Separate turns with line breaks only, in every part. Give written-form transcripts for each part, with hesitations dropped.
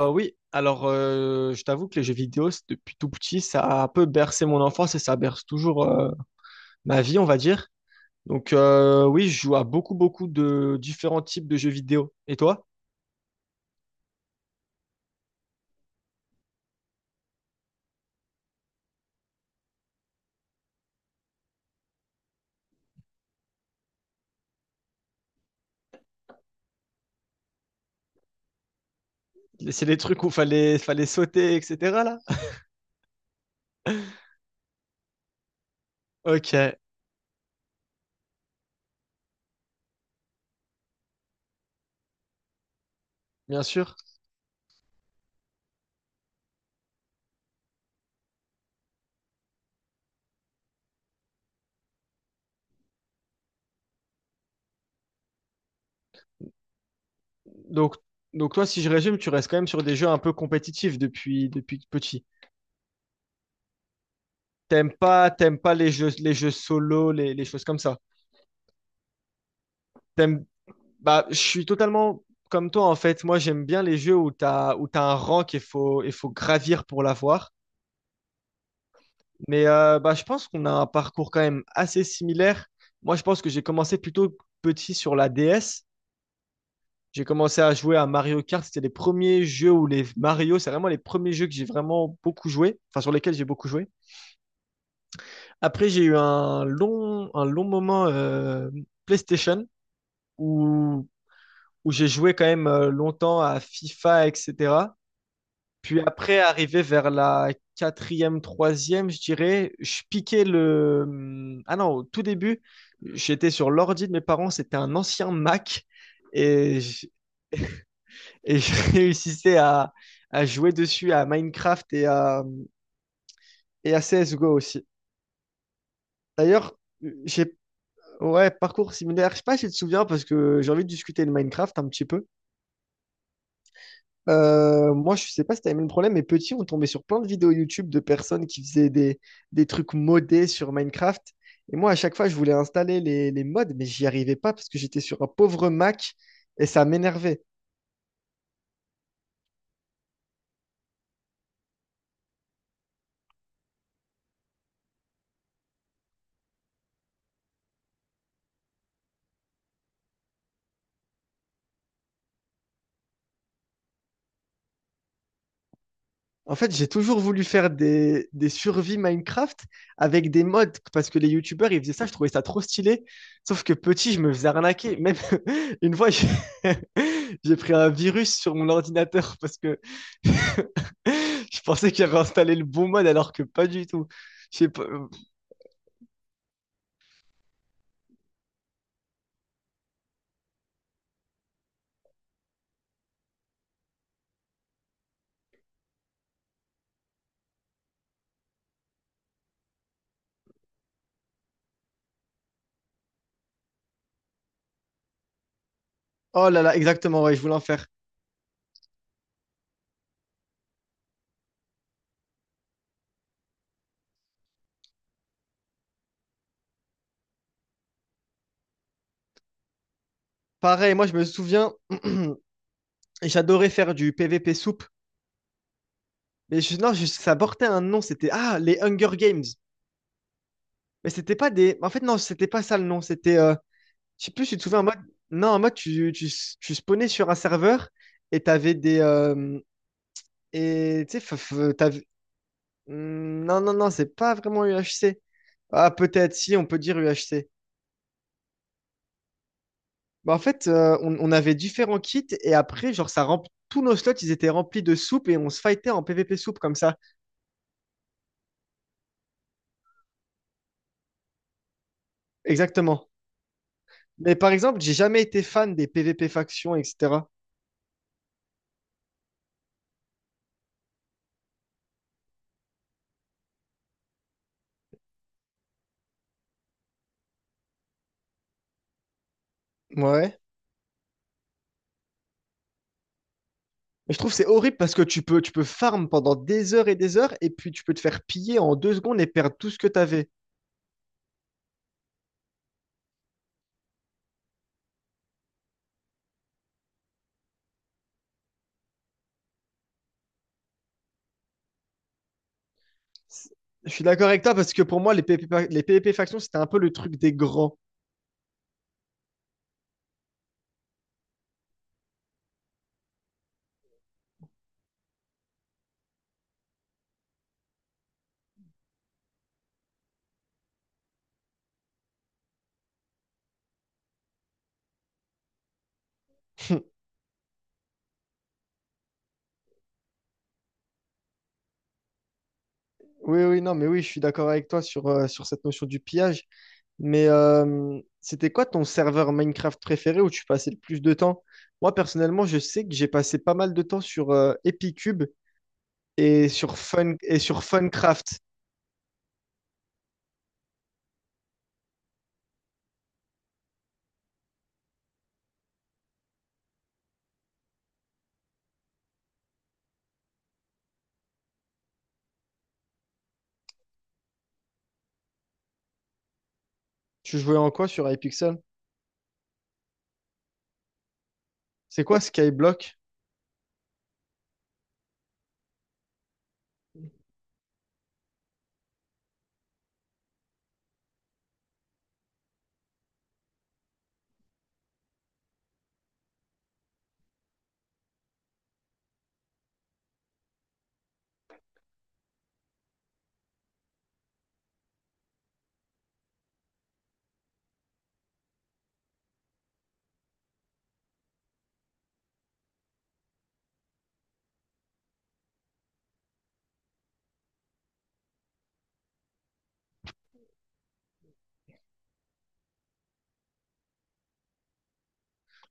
Oui, alors je t'avoue que les jeux vidéo, depuis tout petit, ça a un peu bercé mon enfance et ça berce toujours ma vie, on va dire. Donc oui, je joue à beaucoup, beaucoup de différents types de jeux vidéo. Et toi? C'est les trucs où fallait sauter, etc. là? Ok, bien sûr. Donc, donc toi, si je résume, tu restes quand même sur des jeux un peu compétitifs depuis petit. T'aimes pas les jeux solo, les choses comme ça. T'aimes, Bah, je suis totalement comme toi en fait. Moi, j'aime bien les jeux où t'as un rang qu'il faut gravir pour l'avoir. Mais bah, je pense qu'on a un parcours quand même assez similaire. Moi, je pense que j'ai commencé plutôt petit sur la DS. J'ai commencé à jouer à Mario Kart. C'était les premiers jeux où les Mario, c'est vraiment les premiers jeux que j'ai vraiment beaucoup joué, enfin sur lesquels j'ai beaucoup joué. Après, j'ai eu un long moment PlayStation où, où j'ai joué quand même longtemps à FIFA, etc. Puis après, arrivé vers la quatrième, troisième, je dirais, je piquais Ah non, au tout début, j'étais sur l'ordi de mes parents, c'était un ancien Mac, et je, et je réussissais à jouer dessus à Minecraft et à CSGO aussi. D'ailleurs, j'ai... ouais, parcours similaire, je sais pas si tu te souviens, parce que j'ai envie de discuter de Minecraft un petit peu. Moi, je sais pas si t'as aimé le problème, mais petit, on tombait sur plein de vidéos YouTube de personnes qui faisaient des trucs modés sur Minecraft. Et moi, à chaque fois, je voulais installer les mods, mais j'y arrivais pas parce que j'étais sur un pauvre Mac et ça m'énervait. En fait, j'ai toujours voulu faire des survies Minecraft avec des mods parce que les YouTubers, ils faisaient ça, je trouvais ça trop stylé. Sauf que petit, je me faisais arnaquer. Même une fois, j'ai j'ai pris un virus sur mon ordinateur parce que je pensais qu'il avait installé le bon mode alors que pas du tout. Je sais pas. Oh là là, exactement, ouais, je voulais en faire. Pareil, moi je me souviens, j'adorais faire du PVP soupe. Mais je- non, je- Ça portait un nom, c'était les Hunger Games. Mais c'était pas des. En fait, non, c'était pas ça le nom. C'était. Je sais plus, tu te souviens en mode. Non, en mode, tu spawnais sur un serveur et t'avais des. Et tu sais, t'avais. Hmm. Non, non, non, c'est pas vraiment UHC. Ah, peut-être, si, on peut dire UHC. Bah, en fait, on avait différents kits et après, genre, tous nos slots, ils étaient remplis de soupe et on se fightait en PvP soupe comme ça. Exactement. Mais par exemple, j'ai jamais été fan des PvP factions, etc. Ouais. Mais je trouve que c'est horrible parce que tu peux farm pendant des heures et puis tu peux te faire piller en deux secondes et perdre tout ce que t'avais. C'est- Je suis d'accord avec toi parce que pour moi, les PvP factions, c'était un peu le truc des grands. Oui, oui, non, mais oui, je suis d'accord avec toi sur cette notion du pillage. Mais c'était quoi ton serveur Minecraft préféré où tu passais le plus de temps? Moi, personnellement, je sais que j'ai passé pas mal de temps sur Epicube et sur Fun et sur Funcraft. Tu jouais en quoi sur iPixel? C'est quoi Skyblock?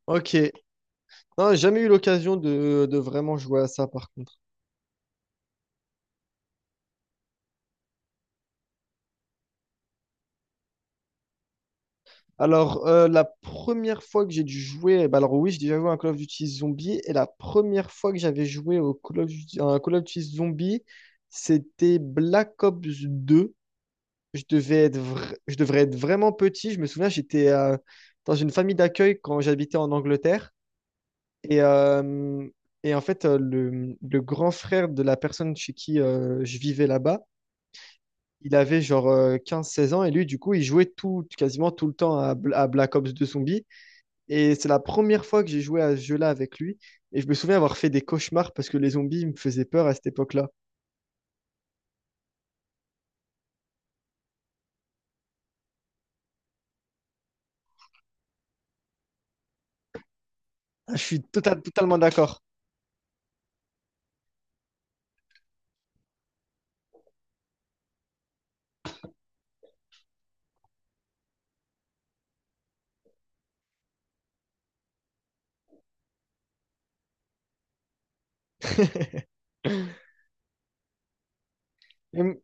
Ok. Non, j'ai jamais eu l'occasion de vraiment jouer à ça par contre. Alors, la première fois que j'ai dû jouer, bah alors oui, j'ai déjà joué à un Call of Duty Zombie, et la première fois que j'avais joué au Call of Duty, à un Call of Duty Zombie, c'était Black Ops 2. Je devais être je devrais être vraiment petit. Je me souviens, j'étais dans une famille d'accueil quand j'habitais en Angleterre. Et, euh, et en fait, le grand frère de la personne chez qui je vivais là-bas, il avait genre 15-16 ans. Et lui, du coup, il jouait tout, quasiment tout le temps à Black Ops 2 Zombies. Et c'est la première fois que j'ai joué à ce jeu-là avec lui. Et je me souviens avoir fait des cauchemars parce que les zombies me faisaient peur à cette époque-là. Ah, je suis totalement d'accord. Et m-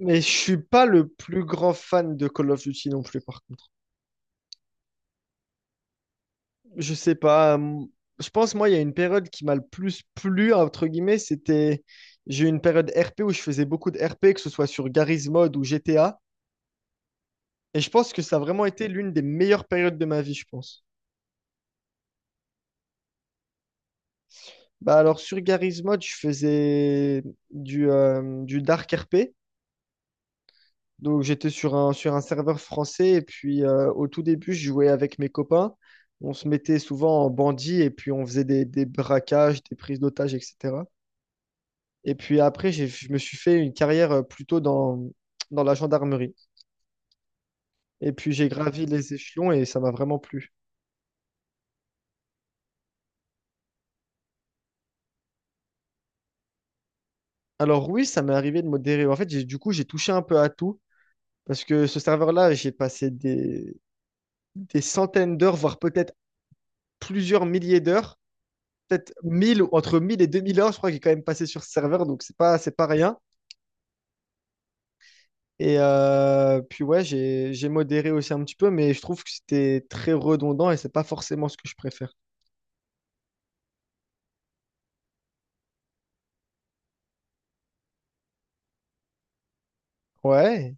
Mais je suis pas le plus grand fan de Call of Duty non plus, par contre. Je sais pas. Je pense, moi, il y a une période qui m'a le plus plu, entre guillemets, c'était. J'ai eu une période RP où je faisais beaucoup de RP, que ce soit sur Garry's Mod ou GTA. Et je pense que ça a vraiment été l'une des meilleures périodes de ma vie, je pense. Bah alors, sur Garry's Mod, je faisais du Dark RP. Donc j'étais sur un serveur français et puis au tout début, je jouais avec mes copains. On se mettait souvent en bandit et puis on faisait des braquages, des prises d'otages, etc. Et puis après, je me suis fait une carrière plutôt dans la gendarmerie. Et puis j'ai gravi les échelons et ça m'a vraiment plu. Alors oui, ça m'est arrivé de modérer. En fait, du coup, j'ai touché un peu à tout parce que ce serveur-là, j'ai passé des centaines d'heures, voire peut-être plusieurs milliers d'heures peut-être 1 000 ou entre 1 000 et 2 000 heures, je crois, qui est quand même passé sur ce serveur, donc c'est pas rien. Puis ouais, j'ai modéré aussi un petit peu, mais je trouve que c'était très redondant et c'est pas forcément ce que je préfère. Ouais.